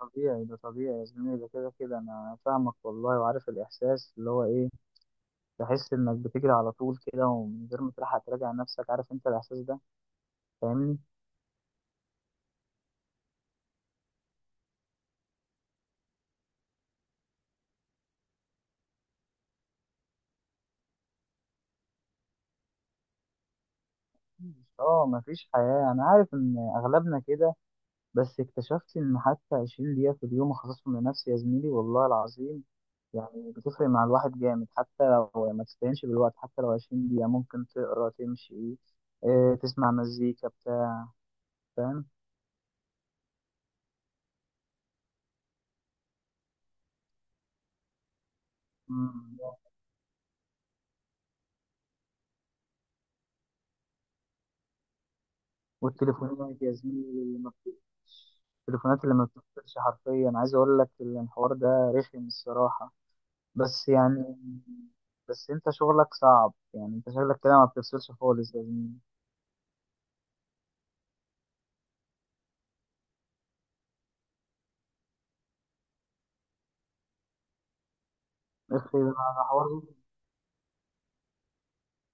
طبيعي ده طبيعي يا زميلي، ده كده كده انا فاهمك والله، وعارف الاحساس اللي هو ايه. تحس انك بتجري على طول كده ومن غير ما تلحق تراجع نفسك. عارف انت الاحساس ده؟ فاهمني؟ اه، مفيش حياة، انا عارف ان اغلبنا كده. بس اكتشفت ان حتى 20 دقيقة في اليوم اخصصهم لنفسي يا زميلي، والله العظيم يعني بتفرق مع الواحد جامد. حتى لو ما تستهينش بالوقت، حتى لو 20 دقيقة ممكن تقرا تمشي، تسمع مزيكا بتاع. فاهم؟ والتليفونات يا زميلي اللي ما بت- التليفونات اللي ما بتفصلش حرفيا، عايز اقول لك الحوار ده رخم الصراحة. بس يعني بس انت شغلك صعب، يعني انت شغلك كده ما بتفصلش خالص يا زميلي. اخي، ده حوار،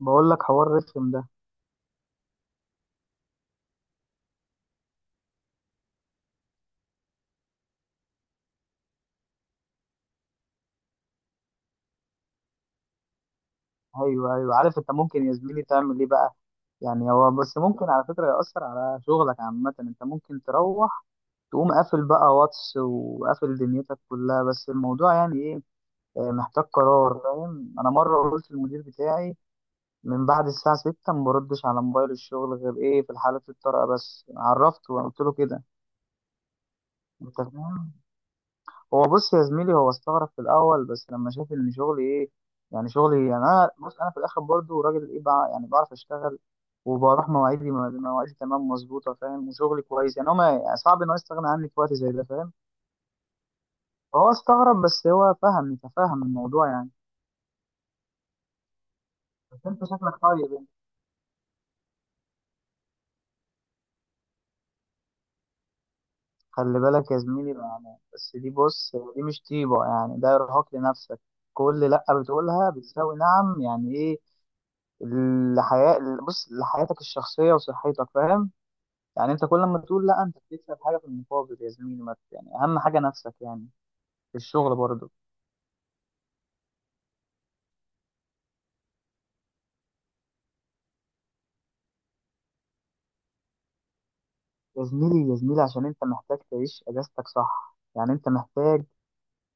بقول لك حوار رخم ده. ايوه، ايوه، عارف. انت ممكن يا زميلي تعمل ايه بقى؟ يعني هو بس ممكن على فكرة يأثر على شغلك عامة. انت ممكن تروح تقوم قافل بقى واتس وقافل دنيتك كلها، بس الموضوع يعني ايه، محتاج قرار. فاهم؟ انا مره قلت للمدير بتاعي، من بعد الساعه 6 ما بردش على موبايل الشغل غير ايه في الحاله الطارئه، بس عرفته وقلت له كده. انت فاهم؟ هو، بص يا زميلي، هو استغرب في الاول، بس لما شاف ان شغلي ايه، يعني شغلي إيه. يعني انا، بص، انا في الاخر برضو راجل ايه بقى، يعني بعرف اشتغل وبروح مواعيدي مواعيدي تمام مظبوطه فاهم، وشغلي كويس. يعني هو ما يعني صعب ان هو يستغنى عني في وقت زي ده فاهم. فهو استغرب بس هو فهم، تفهم الموضوع يعني. بس انت شكلك طيب. خلي بالك يا زميلي، يعني بس دي، بص، دي مش طيبة، يعني ده إرهاق لنفسك. كل لأ بتقولها بتساوي نعم، يعني إيه الحياة. بص لحياتك الشخصية وصحتك، فاهم؟ يعني أنت كل ما تقول لأ أنت بتكسب حاجة في المقابل يا زميلي، ما ت- يعني أهم حاجة نفسك يعني. في الشغل برضه. يا زميلي، يا زميلي، عشان أنت محتاج تعيش أجازتك صح، يعني أنت محتاج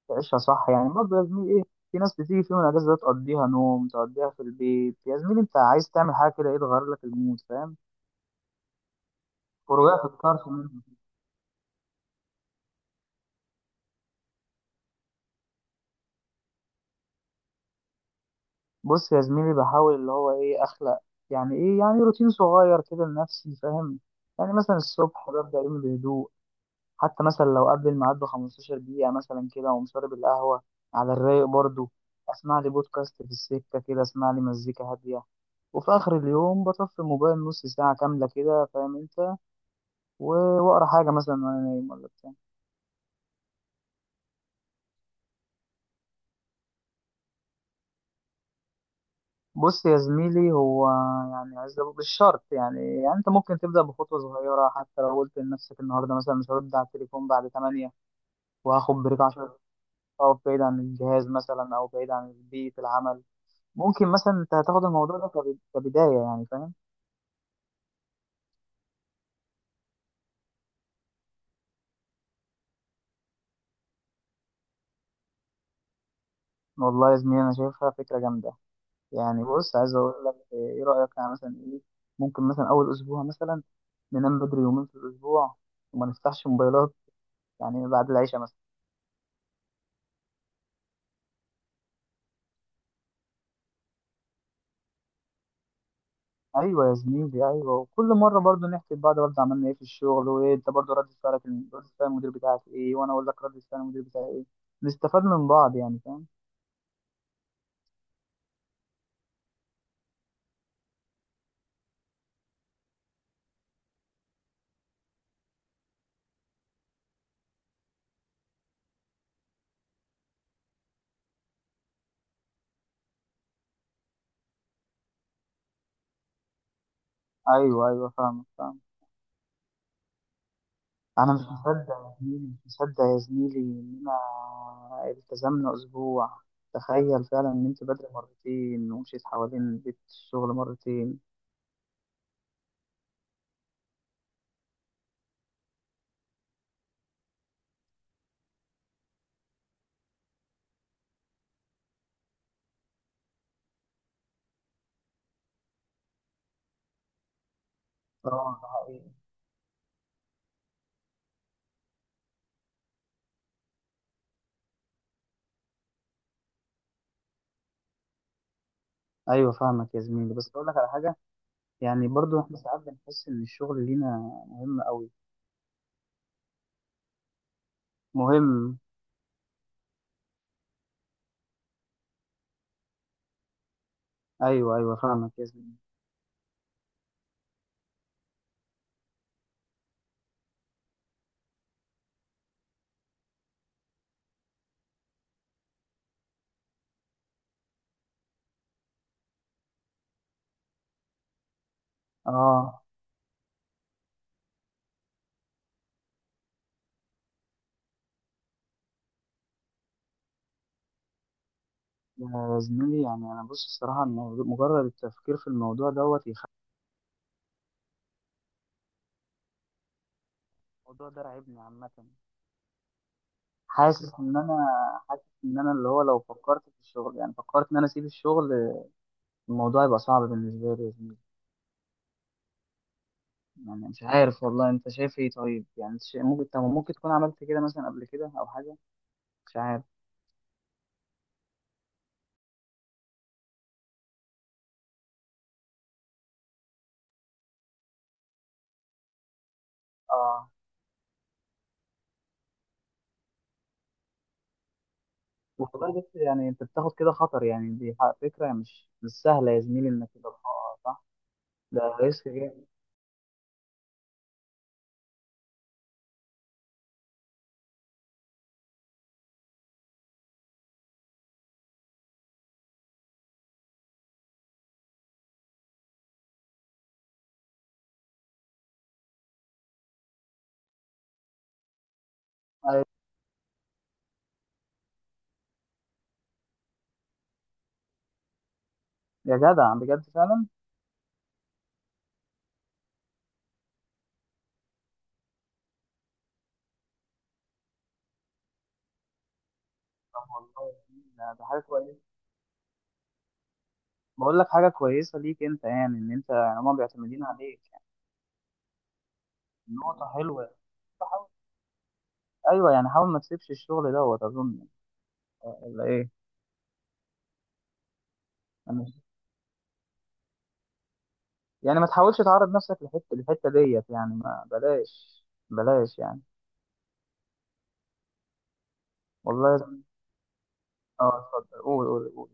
تعيشها صح، يعني برضه يا زميلي إيه. في ناس بتيجي في يوم الأجازة ده تقضيها نوم، تقضيها في البيت. يا زميلي أنت عايز تعمل حاجة كده، إيه، تغير لك المود، فاهم؟ ورجعت اتكرت منهم. بص يا زميلي، بحاول اللي هو ايه، اخلق يعني ايه، يعني روتين صغير كده لنفسي، فاهم؟ يعني مثلا الصبح ببدأ يومي بهدوء، حتى مثلا لو قبل الميعاد ب 15 دقيقة مثلا كده، وأقوم شارب القهوة على الرايق برضو، اسمع لي بودكاست في السكة كده، اسمع لي مزيكا هادية. وفي آخر اليوم بطفي الموبايل نص ساعة كاملة كده فاهم انت، وأقرأ حاجة مثلا وأنا نايم ولا بتاع. بص يا زميلي، هو يعني عايز أقول مش شرط يعني، يعني انت ممكن تبدا بخطوه صغيره. حتى لو قلت لنفسك النهارده مثلا مش هرد على التليفون بعد 8، وهاخد بريك 10 دقايق بعيد عن الجهاز مثلا، او بعيد عن بيئه العمل. ممكن مثلا انت هتاخد الموضوع ده كبدايه، يعني فاهم؟ والله يا زميلي انا شايفها فكره جامده. يعني بص، عايز اقول لك ايه، إيه رايك يعني مثلا ايه؟ ممكن مثلا اول اسبوع مثلا ننام بدري يومين في الاسبوع وما نفتحش موبايلات، يعني بعد العشاء. ايوه يا زميلي، ايوه، وكل مره برضو نحكي لبعض برضو عملنا ايه في الشغل، وايه انت برضو رد فعلك، رد فعل المدير بتاعك ايه، وانا اقول لك رد فعل المدير بتاعي ايه. نستفاد من بعض يعني فاهم؟ ايوه، ايوه، فاهمك فاهم. انا مش مصدق يا زميلي، مش مصدق يا زميلي اننا التزمنا اسبوع. تخيل فعلا ان انت بدري مرتين ومشيت حوالين بيت الشغل مرتين. اه، ده حقيقي. ايوه فاهمك يا زميلي، بس اقول لك على حاجه. يعني برضو احنا ساعات بنحس ان الشغل لينا مهم قوي. مهم. ايوه ايوه فاهمك يا زميلي. اه يا زميلي، يعني انا، بص، الصراحه الموضوع مجرد التفكير في الموضوع دوت يخلي الموضوع ده راعبني عامه. حاسس ان انا، حاسس ان انا اللي هو لو فكرت في الشغل، يعني فكرت ان انا اسيب الشغل، الموضوع يبقى صعب بالنسبه لي يا زميلي. يعني مش عارف والله، انت شايف ايه؟ طيب يعني أنت ممكن، طب ممكن تكون عملت كده مثلا قبل كده او حاجه. مش عارف. اه والله، بس يعني انت بتاخد كده خطر، يعني دي فكره مش سهله يا زميلي، انك تبقى آه، صح. ده ريسك جامد. يا جدع، بجد فعلا. آه والله ده حاجة كويسة. بقول لك حاجه كويسه ليك انت، يعني ان انت يعني هما بيعتمدين عليك يعني. نقطة حلوة. بحاول. ايوه يعني، حاول ما تسيبش الشغل دوت اظن، ولا ايه؟ أنا مش- يعني ما تحاولش تعرض نفسك لحته الحته ديت، يعني ما بلاش، بلاش يعني. والله يا زميلي- اه، اتفضل، قول، قول، قول.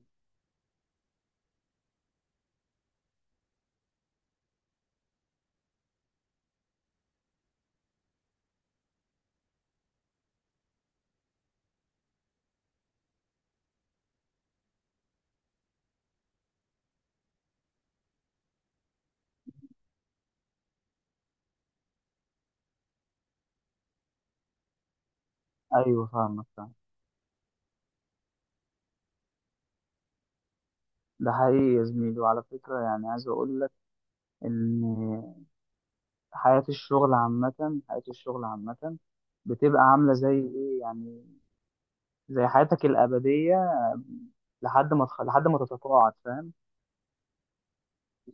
ايوه فاهمك فاهم. ده حقيقي يا زميلي، وعلى فكره يعني عايز اقول لك ان حياه الشغل عامه، حياه الشغل عامه بتبقى عامله زي ايه، يعني زي حياتك الأبدية لحد ما لحد ما تتقاعد فاهم.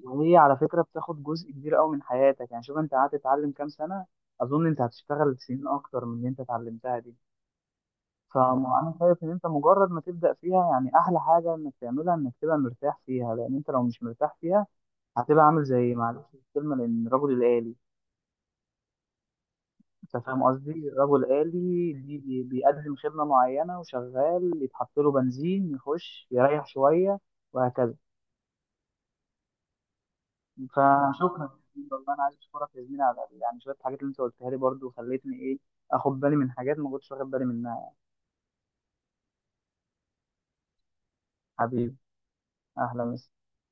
وهي على فكرة بتاخد جزء كبير قوي من حياتك، يعني شوف انت قعدت تتعلم كام سنة، اظن انت هتشتغل سنين اكتر من اللي انت اتعلمتها دي. فانا شايف ان انت مجرد ما تبدأ فيها، يعني احلى حاجة انك تعملها انك تبقى مرتاح فيها، لان انت لو مش مرتاح فيها هتبقى عامل زي، معلش في الكلمة، لان رجل الآلي. انت فاهم قصدي؟ الرجل الآلي اللي بيقدم خدمة معينة وشغال، يتحط له بنزين يخش يريح شوية وهكذا. فشكرا جزيلا والله، انا عايز اشكرك يا زميلي على يعني شويه الحاجات اللي انت قلتها لي برضو خلتني ايه، اخد بالي من حاجات ما كنتش واخد بالي منها يعني. حبيبي، اهلا وسهلا.